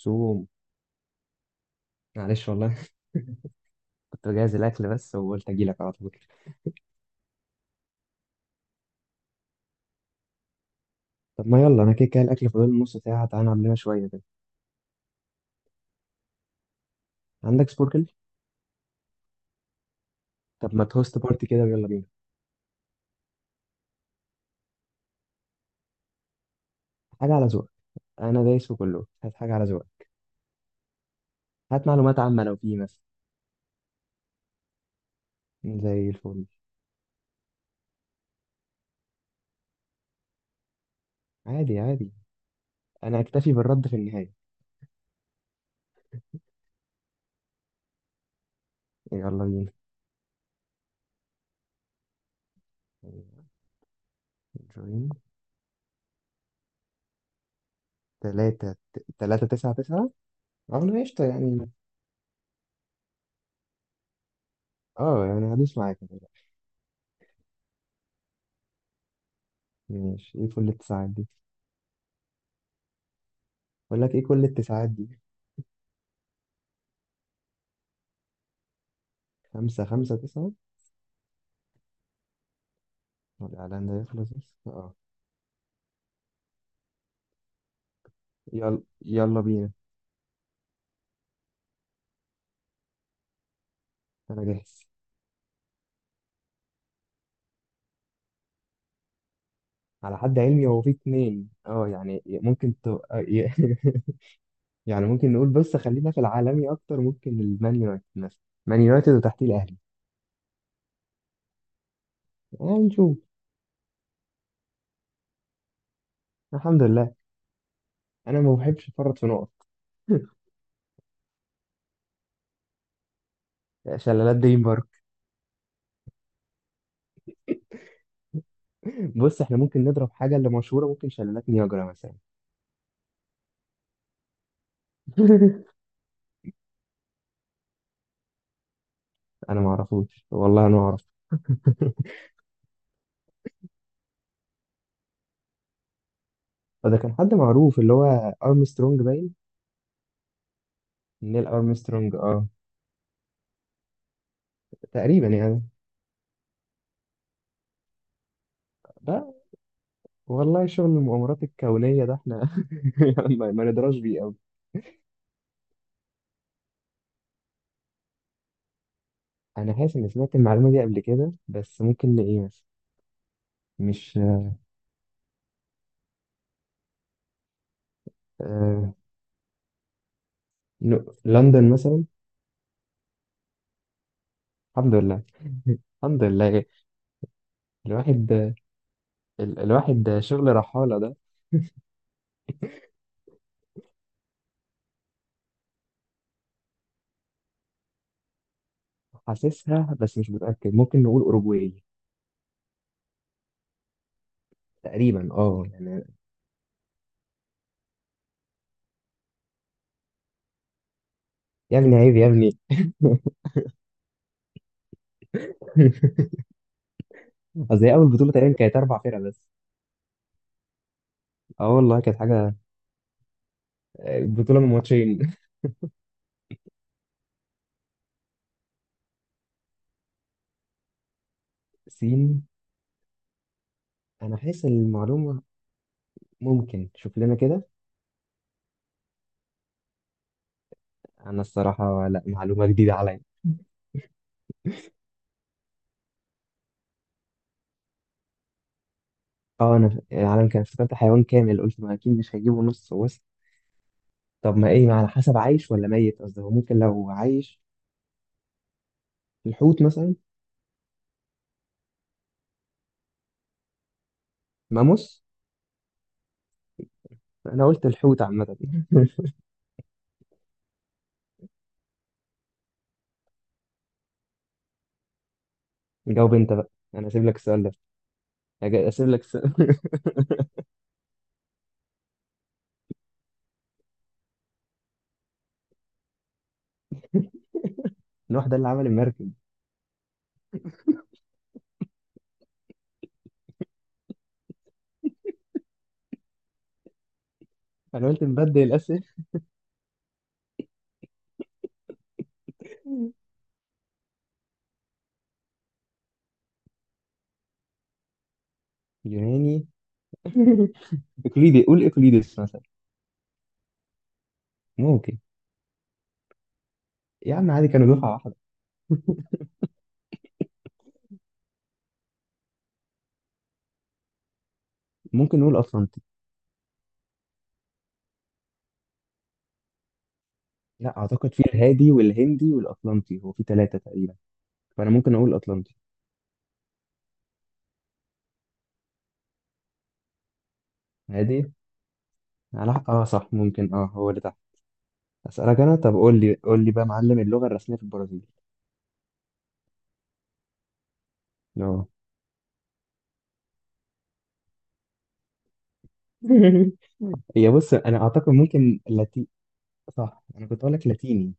زوم. معلش والله. كنت بجهز الاكل بس، وقلت اجي لك على طول. طب ما يلا، انا كده كده الاكل فاضل له نص ساعه، تعالى نعمل لنا شويه كده. عندك سبوركل؟ طب ما تهوست بارتي كده، ويلا بينا. حاجه على ذوقك. انا دايس في كله، هات حاجه على ذوقك. هات معلومات عامه لو في مثلا. زي الفل. عادي عادي، انا اكتفي بالرد في النهايه. يلا بينا. جوين تلاتة تلاتة تسعة تسعة. اه، انا قشطة يعني. اه يعني هدوس معاك. ماشي، ايه كل التسعات دي؟ بقول لك ايه كل التسعات دي. خمسة خمسة تسعة. الإعلان ده يخلص بس اه. يلا يلا بينا. أنا جاهز. على حد علمي هو في اتنين، اه يعني ممكن ت... آه، ي- يعني ممكن نقول، بس خلينا في العالمي أكتر، ممكن المان يونايتد مثلا. مان يونايتد وتحتيه الأهلي. آه نشوف. الحمد لله. أنا ما بحبش أفرط في نقط. شلالات دريم بارك. بص احنا ممكن نضرب حاجة اللي مشهورة، ممكن شلالات نياجرا مثلا. انا ما اعرفوش والله، انا ما اعرف. فده كان حد معروف، اللي هو ارمسترونج باين. نيل ارمسترونج اه. تقريبا يعني. والله شغل المؤامرات الكونية ده احنا، ما ندراش بيه قوي. انا حاسس اني سمعت المعلومة دي قبل كده، بس ممكن لايه مثلا. مش آه... لندن مثلا. الحمد لله. الحمد لله. الواحد الواحد شغل رحالة ده. حاسسها بس مش متأكد، ممكن نقول أوروجواي. تقريبا اه يعني. يا ابني عيب يا ابني. قصدي أول بطولة تقريبا كانت أربع فرق بس. اه والله كانت حاجة. بطولة من ماتشين. الصين. أنا حاسس المعلومة، ممكن شوف لنا كده. انا الصراحه لا معلومه جديده عليا. اه انا العالم كان افتكرت حيوان كامل، قلت ما اكيد مش هيجيبوا نص وسط. طب ما ايه، ما على حسب عايش ولا ميت، قصدي هو ممكن لو عايش. الحوت مثلا. ماموس. انا قلت الحوت عامه. جاوب انت بقى، انا اسيب لك السؤال ده. اسيب لك السؤال. نوح ده اللي عمل المركب. انا قلت نبدل الاسئله. يوناني. اقليدي، قول اقليدس مثلا. ممكن. يا عم عادي كانوا دفعه واحده. ممكن نقول اطلنطي. لا اعتقد في الهادي والهندي والاطلنطي، هو في ثلاثه تقريبا. فانا ممكن اقول اطلنطي. عادي. على حق اه، صح ممكن اه هو اللي تحت. اسالك انا، طب قول لي قول لي بقى يا معلم، اللغه الرسميه في البرازيل. اه. هي بص انا اعتقد ممكن لاتي. صح، انا كنت اقول لك لاتيني.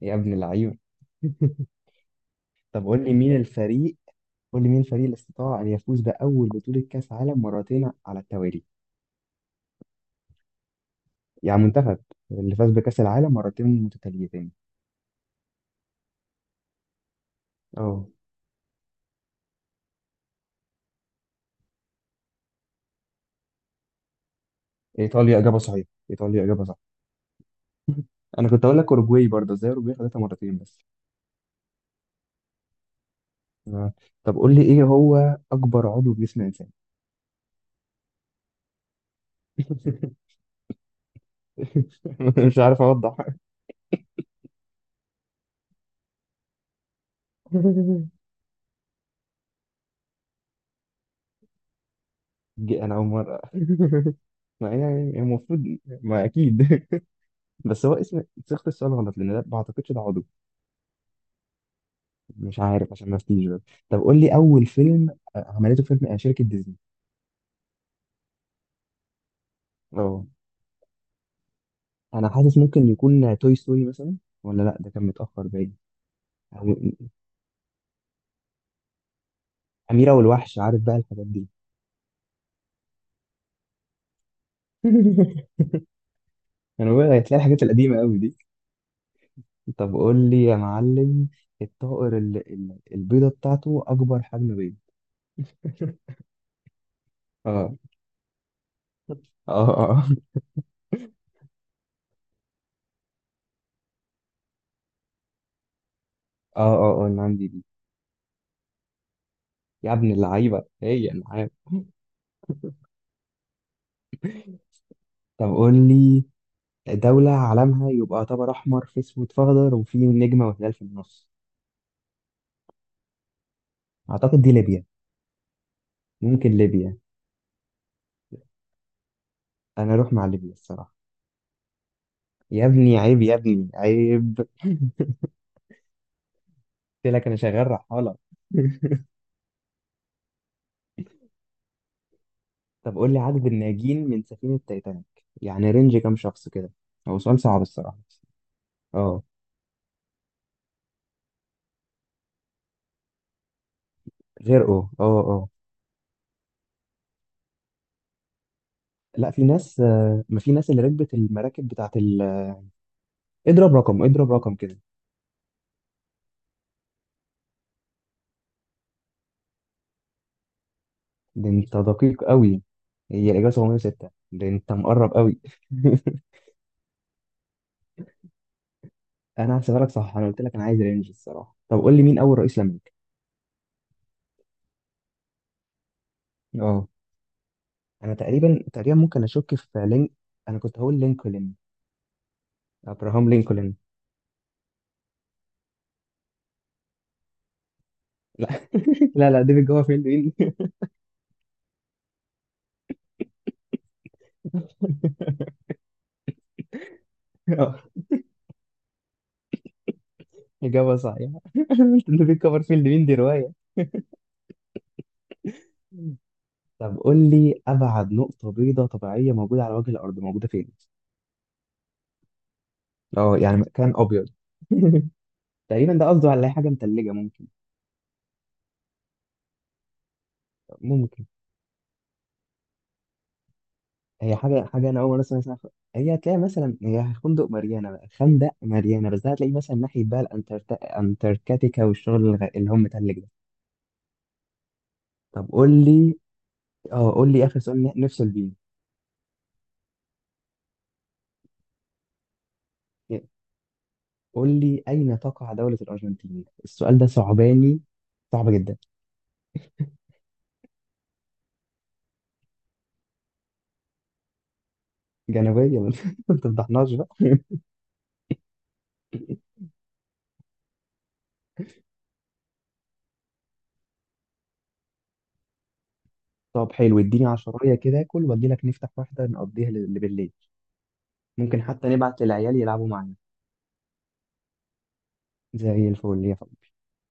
يا ابن العيون. طب قول لي مين الفريق، قول لي مين الفريق اللي استطاع ان يفوز باول بطوله كاس عالم مرتين على التوالي. يعني منتخب. اللي فاز بكاس العالم مرتين متتاليتين. اه. ايطاليا اجابه صحيحه، ايطاليا اجابه صح. انا كنت اقول لك اوروجواي برضه، ازاي اوروجواي خدتها مرتين بس. آه. طب قول لي ايه هو اكبر عضو في جسم الانسان. مش عارف اوضح. دي انا اول مره. ما هي يعني المفروض ما اكيد. بس هو اسم صيغه السؤال غلط، لان ده ما اعتقدش ده عضو. مش عارف عشان ما افتيش بس. طب قول لي اول فيلم، عملته فيلم شركه ديزني. اه، انا حاسس ممكن يكون توي ستوري مثلا. ولا لا، ده كان متاخر باين. او اميره والوحش عارف بقى، الحاجات دي. انا بقى هتلاقي الحاجات القديمه قوي دي. طب قول لي يا معلم، الطائر اللي البيضة بتاعته أكبر حجم بيض. اه اه اه اه اه اه أنا عندي دي. يا ابن اللعيبة، هي أنا عارف. طب قول لي دولة علمها يبقى طبق أحمر في أسود في أخضر، وفي نجمة وهلال في النص. أعتقد دي ليبيا. ممكن ليبيا. أنا أروح مع ليبيا الصراحة. يا ابني عيب يا ابني عيب. قلت لك أنا شغال رحالة. طب قول لي عدد الناجين من سفينة تايتانيك، يعني رينج كام شخص كده. هو سؤال صعب الصراحة. اه. غرقوا اه اه. لا في ناس، ما في ناس اللي ركبت المراكب بتاعت اضرب رقم، اضرب رقم كده. ده انت دقيق قوي. هي الاجابه 706، ده انت مقرب قوي. انا هحسبها لك صح، انا قلت لك انا عايز رينج الصراحه. طب قول لي مين اول رئيس لامريكا. اه، انا تقريبا ممكن اشك في لينك. انا كنت هقول لينكولن. ابراهام لينكولن. لا. لا لا، ديفيد كوفرفيلد مين؟ آه، اجابه صحيحه. ديفيد كوفرفيلد مين؟ دي روايه. طب قول لي ابعد نقطه بيضاء طبيعيه موجوده على وجه الارض موجوده فين. اه يعني مكان ابيض. تقريبا ده قصده على أي حاجه متلجه، ممكن. ممكن. هي حاجه حاجه، انا اول مره اسمع اسمها. هي هتلاقي مثلا هي خندق ماريانا بقى، خندق ماريانا، بس ده هتلاقيه مثلا ناحيه بقى انتاركتيكا، والشغل اللي هم متلج ده. طب قول لي. اه قول لي اخر سؤال، نفصل بيه. قول لي اين تقع دوله الارجنتين؟ السؤال ده صعباني، صعب جدا. جنوبيا. ما تفضحناش. طب حلو اديني عشراية كده اكل، واجي لك نفتح واحدة نقضيها لبالليل. ممكن حتى نبعت للعيال يلعبوا معانا. زي الفل يا فندم.